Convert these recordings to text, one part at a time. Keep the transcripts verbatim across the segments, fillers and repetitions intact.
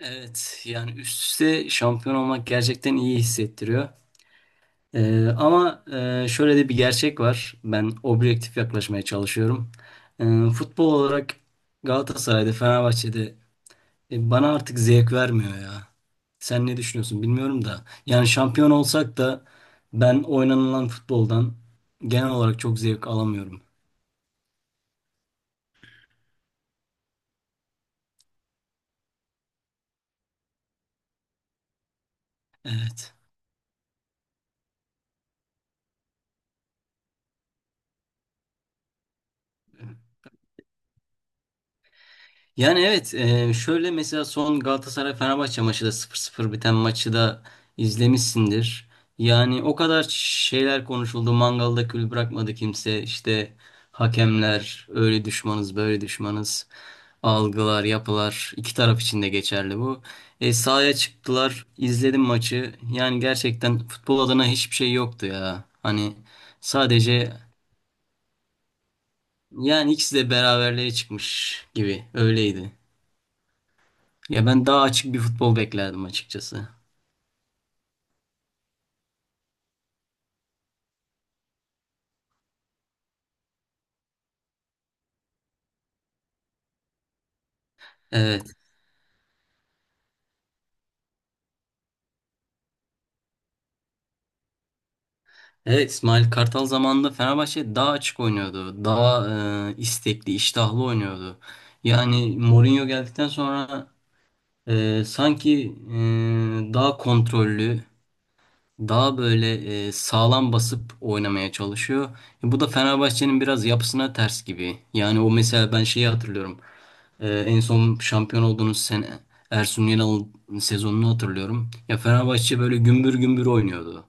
Evet yani üst üste şampiyon olmak gerçekten iyi hissettiriyor. Ee, ama e, şöyle de bir gerçek var. Ben objektif yaklaşmaya çalışıyorum. Ee, futbol olarak Galatasaray'da, Fenerbahçe'de e, bana artık zevk vermiyor ya. Sen ne düşünüyorsun bilmiyorum da. Yani şampiyon olsak da ben oynanılan futboldan genel olarak çok zevk alamıyorum. Evet. Yani evet, e, şöyle mesela son Galatasaray-Fenerbahçe maçı da sıfır 0 biten maçı da izlemişsindir. Yani o kadar şeyler konuşuldu. Mangalda kül bırakmadı kimse. İşte hakemler öyle düşmanız böyle düşmanız. Algılar yapılar iki taraf için de geçerli bu. E, sahaya çıktılar, izledim maçı. Yani gerçekten futbol adına hiçbir şey yoktu ya. Hani sadece yani ikisi de beraberliğe çıkmış gibi öyleydi. Ya ben daha açık bir futbol beklerdim açıkçası. Evet. Evet, İsmail Kartal zamanında Fenerbahçe daha açık oynuyordu. Daha e, istekli, iştahlı oynuyordu. Yani Mourinho geldikten sonra e, sanki e, daha kontrollü, daha böyle e, sağlam basıp oynamaya çalışıyor. E, bu da Fenerbahçe'nin biraz yapısına ters gibi. Yani o mesela ben şeyi hatırlıyorum. Ee, en son şampiyon olduğunuz sene Ersun Yanal'ın sezonunu hatırlıyorum. Ya Fenerbahçe böyle gümbür gümbür oynuyordu.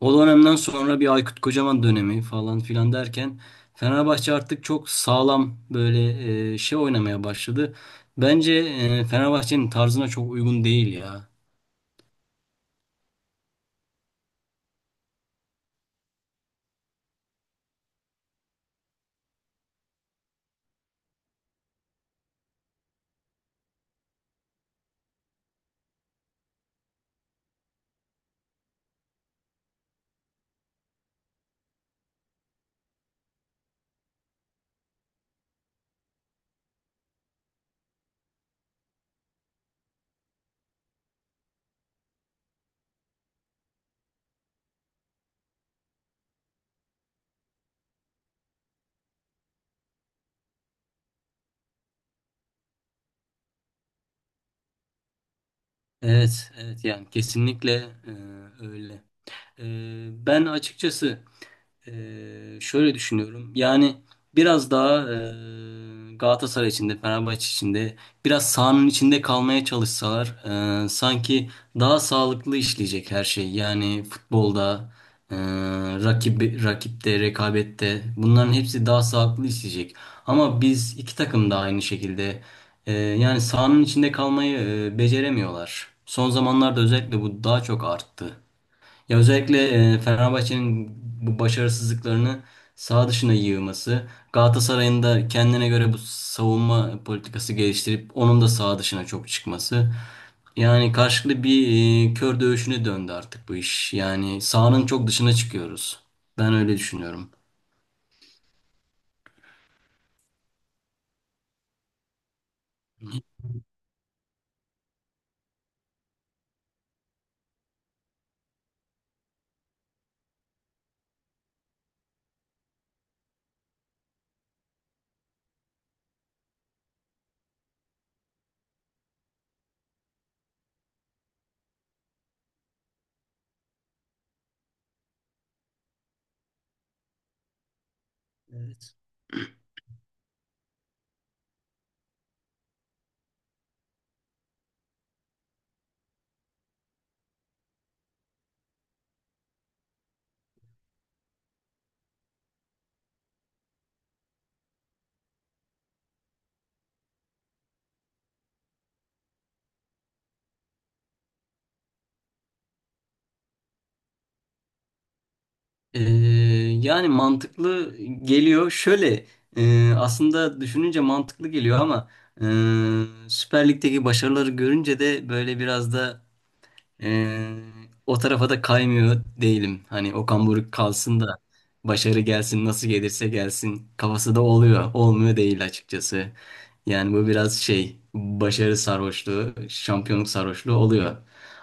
O dönemden sonra bir Aykut Kocaman dönemi falan filan derken Fenerbahçe artık çok sağlam böyle e, şey oynamaya başladı. Bence e, Fenerbahçe'nin tarzına çok uygun değil ya. Evet, evet, yani kesinlikle e, öyle. E, ben açıkçası e, şöyle düşünüyorum. Yani biraz daha e, Galatasaray içinde, Fenerbahçe içinde biraz sahanın içinde kalmaya çalışsalar e, sanki daha sağlıklı işleyecek her şey. Yani futbolda, e, rakip, rakipte, rekabette bunların hepsi daha sağlıklı işleyecek. Ama biz iki takım da aynı şekilde. Ee, yani sahanın içinde kalmayı e, beceremiyorlar. Son zamanlarda özellikle bu daha çok arttı. Ya özellikle e, Fenerbahçe'nin bu başarısızlıklarını saha dışına yığması, Galatasaray'ın da kendine göre bu savunma politikası geliştirip onun da saha dışına çok çıkması. Yani karşılıklı bir e, kör dövüşüne döndü artık bu iş. Yani sahanın çok dışına çıkıyoruz. Ben öyle düşünüyorum. Ee, yani mantıklı geliyor. Şöyle e, aslında düşününce mantıklı geliyor ama e, Süper Lig'deki başarıları görünce de böyle biraz da ee, o tarafa da kaymıyor değilim. Hani Okan Buruk kalsın da başarı gelsin, nasıl gelirse gelsin kafası da oluyor. Olmuyor değil açıkçası. Yani bu biraz şey başarı sarhoşluğu, şampiyonluk sarhoşluğu oluyor.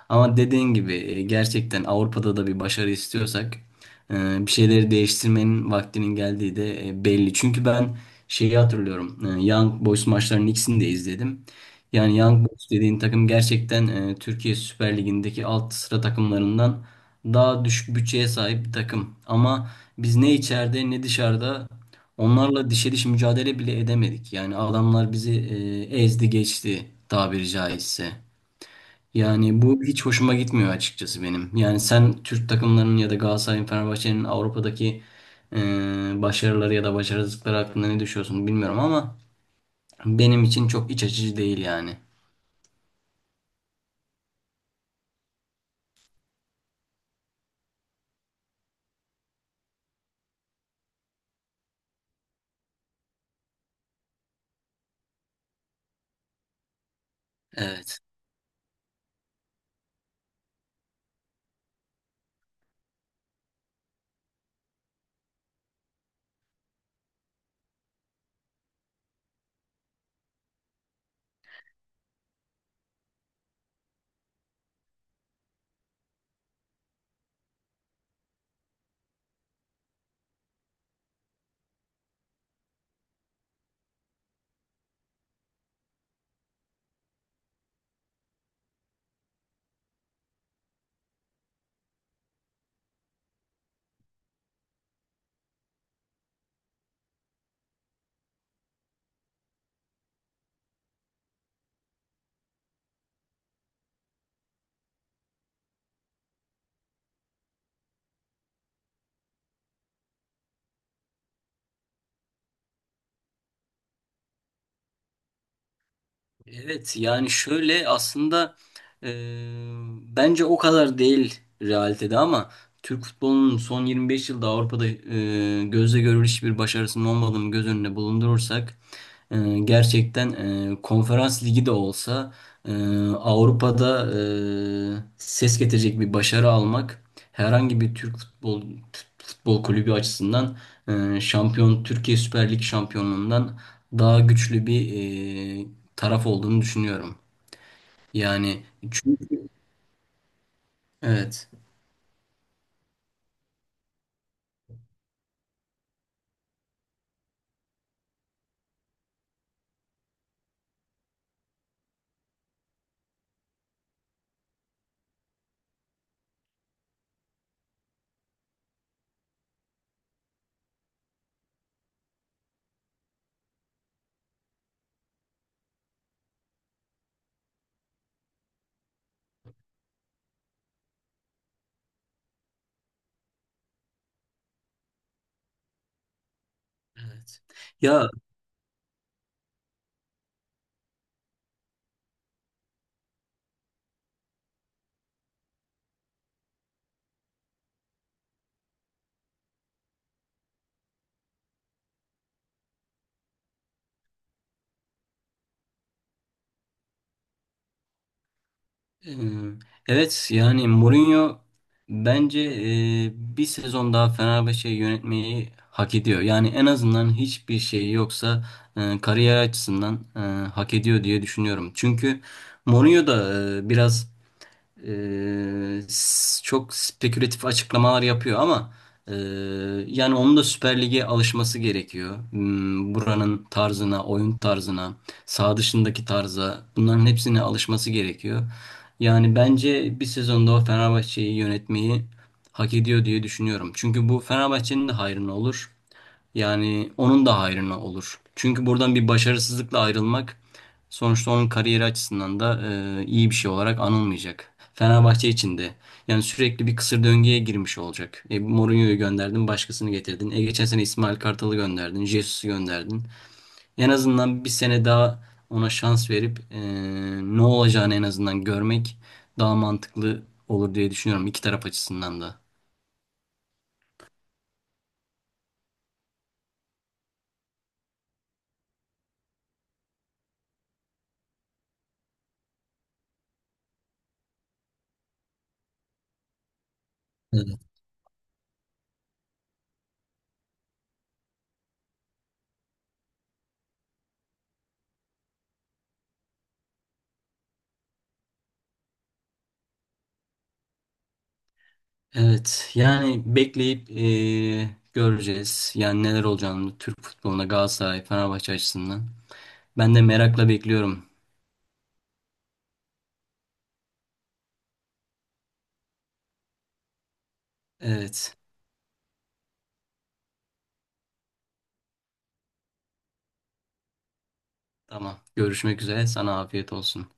Ama dediğin gibi e, gerçekten Avrupa'da da bir başarı istiyorsak e, bir şeyleri değiştirmenin vaktinin geldiği de e, belli. Çünkü ben şeyi hatırlıyorum. E, Young Boys maçlarının ikisini de izledim. Yani Young Boys dediğin takım gerçekten e, Türkiye Süper Ligi'ndeki alt sıra takımlarından daha düşük bütçeye sahip bir takım. Ama biz ne içeride ne dışarıda onlarla dişe diş mücadele bile edemedik. Yani adamlar bizi e, ezdi geçti, tabiri caizse. Yani bu hiç hoşuma gitmiyor açıkçası benim. Yani sen Türk takımlarının ya da Galatasaray'ın, Fenerbahçe'nin Avrupa'daki e, başarıları ya da başarısızlıkları hakkında ne düşünüyorsun bilmiyorum ama benim için çok iç açıcı değil yani. Evet. Evet, yani şöyle aslında e, bence o kadar değil realitede ama Türk futbolunun son yirmi beş yılda Avrupa'da e, gözle görülür hiçbir başarısının olmadığını göz önüne bulundurursak e, gerçekten e, konferans ligi de olsa e, Avrupa'da e, ses getirecek bir başarı almak herhangi bir Türk futbol futbol kulübü açısından e, şampiyon Türkiye Süper Lig şampiyonluğundan daha güçlü bir e, taraf olduğunu düşünüyorum. Yani, çünkü, evet. Evet. Ya e, evet, yani Mourinho bence e, bir sezon daha Fenerbahçe'yi yönetmeyi hak ediyor. Yani en azından hiçbir şeyi yoksa e, kariyer açısından e, hak ediyor diye düşünüyorum. Çünkü Mourinho da e, biraz Ee, s- çok spekülatif açıklamalar yapıyor ama e, yani onun da Süper Lig'e alışması gerekiyor. Hmm, Buranın tarzına, oyun tarzına, saha dışındaki tarza bunların hepsine alışması gerekiyor. Yani bence bir sezonda o Fenerbahçe'yi yönetmeyi hak ediyor diye düşünüyorum. Çünkü bu Fenerbahçe'nin de hayrına olur. Yani onun da hayrına olur. Çünkü buradan bir başarısızlıkla ayrılmak, sonuçta onun kariyeri açısından da e, iyi bir şey olarak anılmayacak. Fenerbahçe için de. Yani sürekli bir kısır döngüye girmiş olacak. E, Mourinho'yu gönderdin, başkasını getirdin. E, geçen sene İsmail Kartal'ı gönderdin, Jesus'u gönderdin. En azından bir sene daha ona şans verip e, ne olacağını en azından görmek daha mantıklı olur diye düşünüyorum iki taraf açısından da. Evet, yani bekleyip e, göreceğiz. Yani neler olacağını Türk futboluna Galatasaray, Fenerbahçe açısından. Ben de merakla bekliyorum. Evet. Tamam. Görüşmek üzere. Sana afiyet olsun.